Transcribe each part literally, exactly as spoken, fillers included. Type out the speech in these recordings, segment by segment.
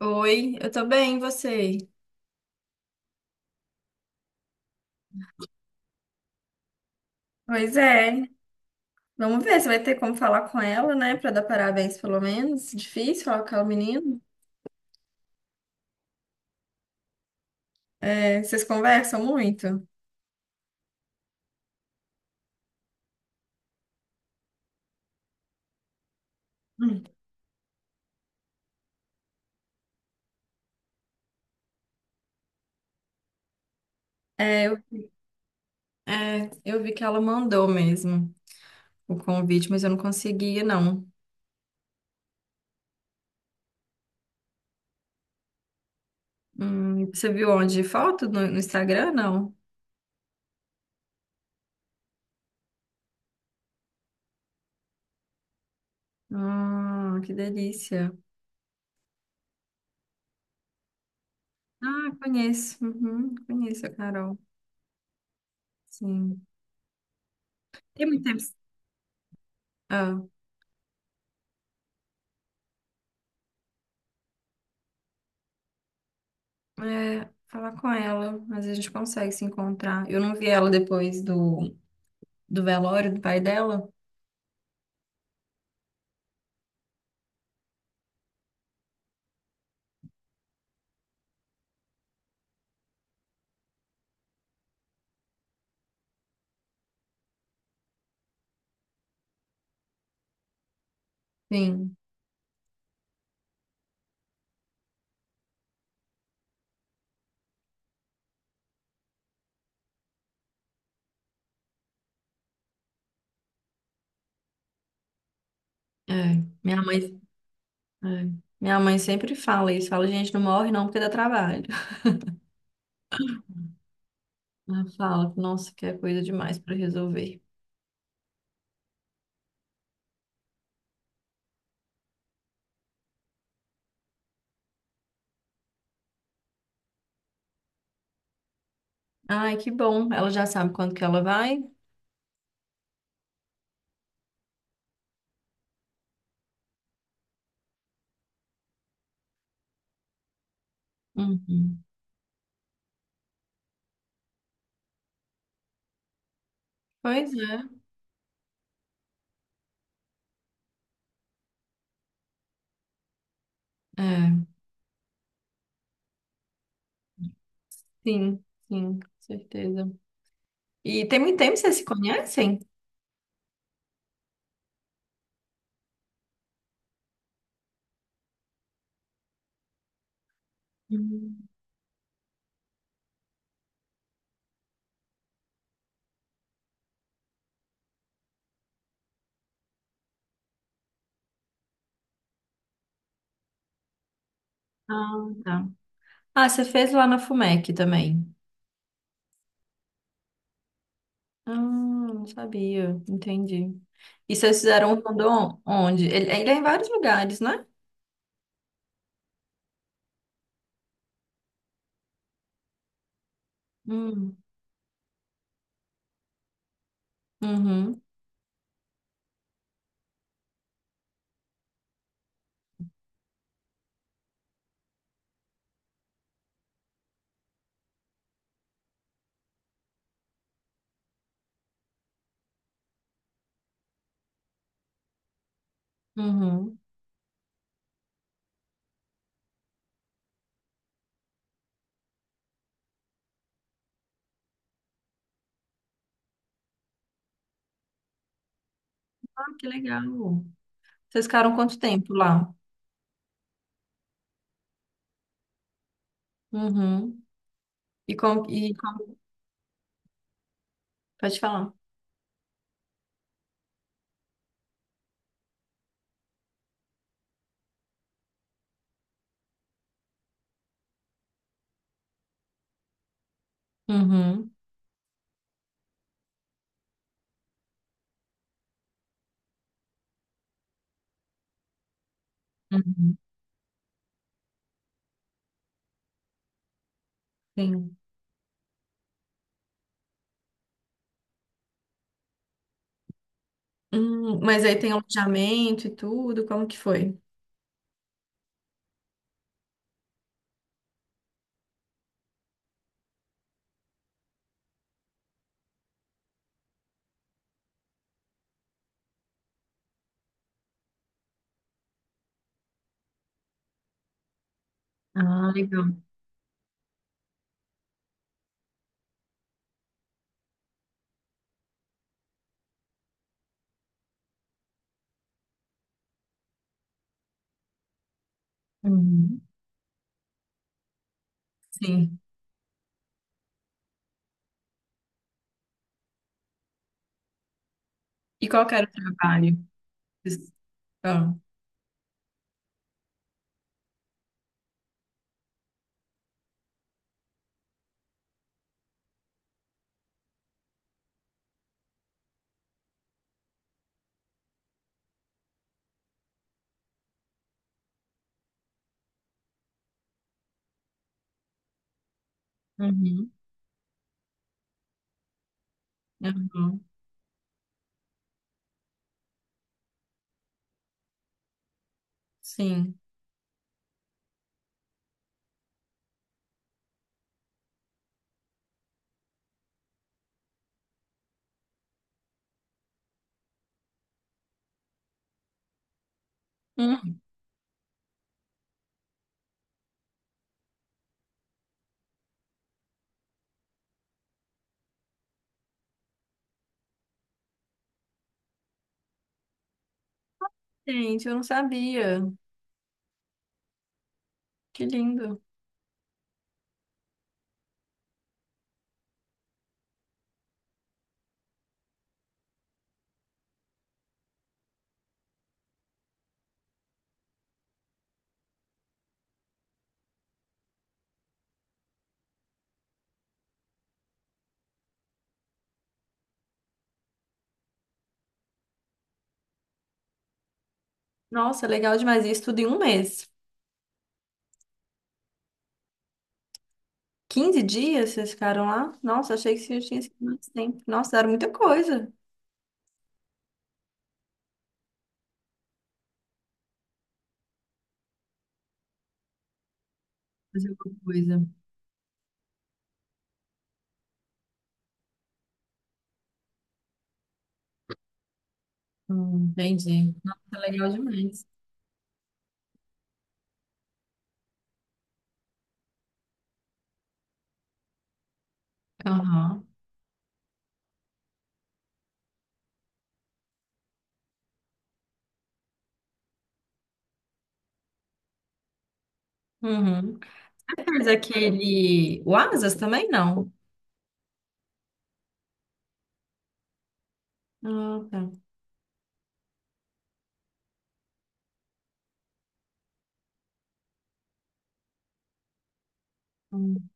Oi, eu tô bem, e você? Pois é. Vamos ver se vai ter como falar com ela, né? Pra dar parabéns, pelo menos. Difícil falar com aquela menina. É, vocês conversam muito? Hum. É, eu- É, eu vi que ela mandou mesmo o convite, mas eu não conseguia, não. Hum, você viu onde? Foto no, no Instagram, não? Ah, que delícia. Ah, conheço. Uhum, conheço a Carol. Sim. Tem muito tempo. Ah. É, falar com ela, mas a gente consegue se encontrar. Eu não vi ela depois do, do velório do pai dela. Sim, é. Minha mãe, é. Minha mãe sempre fala isso. Fala, gente, não morre não porque dá trabalho. Ela fala, nossa, que é coisa demais pra resolver. Ai, que bom. Ela já sabe quando que ela vai? Uhum. Pois é. É, sim, sim, com certeza. E tem muito tempo que vocês se conhecem? Hum. Ah, tá. Ah, você fez lá na FUMEC também. Ah, não sabia. Entendi. E vocês fizeram um rondon onde? Ele, ele é em vários lugares, né? Hum, uhum, uhum. Ah, que legal. Vocês ficaram quanto tempo lá? Uhum. E como, e como, pode falar. Uhum, uhum, sim. Hum, mas aí tem alojamento e tudo, como que foi? Ah, legal. Uhum, sim. E qual que era o trabalho? Ah, uhum, uhum, sim. Hum, gente, eu não sabia. Que lindo. Nossa, legal demais. Isso tudo em um mês. Quinze dias vocês ficaram lá? Nossa, achei que vocês tinham sido mais tempo. Nossa, era muita coisa. Fazer alguma coisa. Hum, entendi. Nossa, legal demais. Aham. Uhum. Você fez aquele. O Asas também não? Ah, tá. Hum.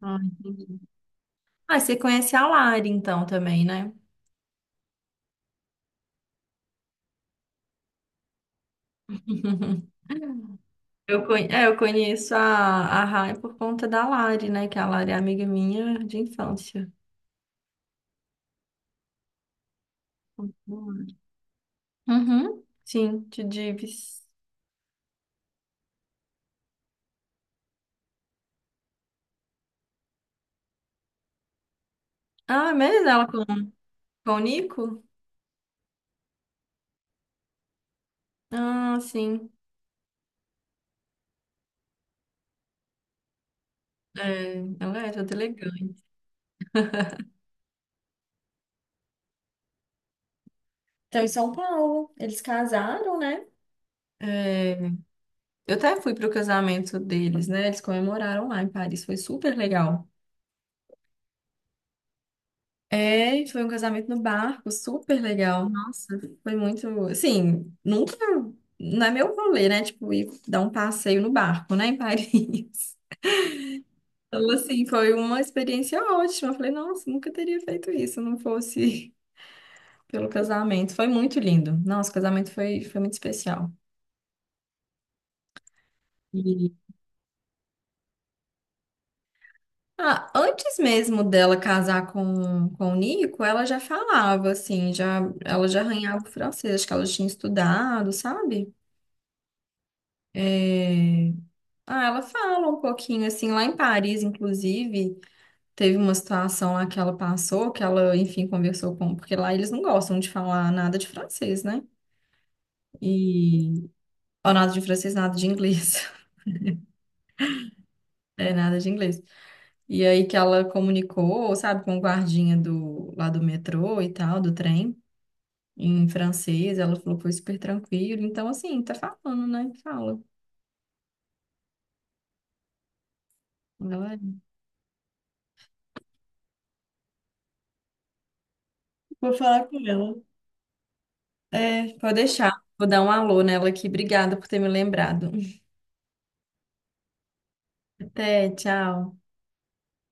Ah, entendi. Ah, você conhece a Lari então também, né? Eu, conhe- é, eu conheço a, a Rai por conta da Lari, né? Que a Lari é amiga minha de infância. Uhum, sim, de Dives. Ah, é mesmo ela com, com o Nico? Ah, sim. É, ela é toda elegante. Então, em São Paulo, eles casaram, né? É, eu até fui pro casamento deles, né? Eles comemoraram lá em Paris, foi super legal. É, e foi um casamento no barco, super legal. Nossa, foi muito, assim, nunca, não é meu rolê, né? Tipo, ir dar um passeio no barco, né, em Paris. Então, assim, foi uma experiência ótima. Eu falei, nossa, nunca teria feito isso se não fosse pelo casamento. Foi muito lindo. Nossa, o casamento foi, foi muito especial. E, ah, antes mesmo dela casar com, com o Nico, ela já falava, assim, já, ela já arranhava o francês, acho que ela tinha estudado, sabe? É, ah, ela fala um pouquinho, assim, lá em Paris, inclusive, teve uma situação lá que ela passou, que ela, enfim, conversou com... Porque lá eles não gostam de falar nada de francês, né? E ó, nada de francês, nada de inglês. É, nada de inglês. E aí que ela comunicou, sabe, com o guardinha do, lá do metrô e tal, do trem, em francês. Ela falou que foi super tranquilo. Então, assim, tá falando, né? Fala. Ela- Vou falar com ela. É, pode deixar. Vou dar um alô nela aqui. Obrigada por ter me lembrado. Até, tchau.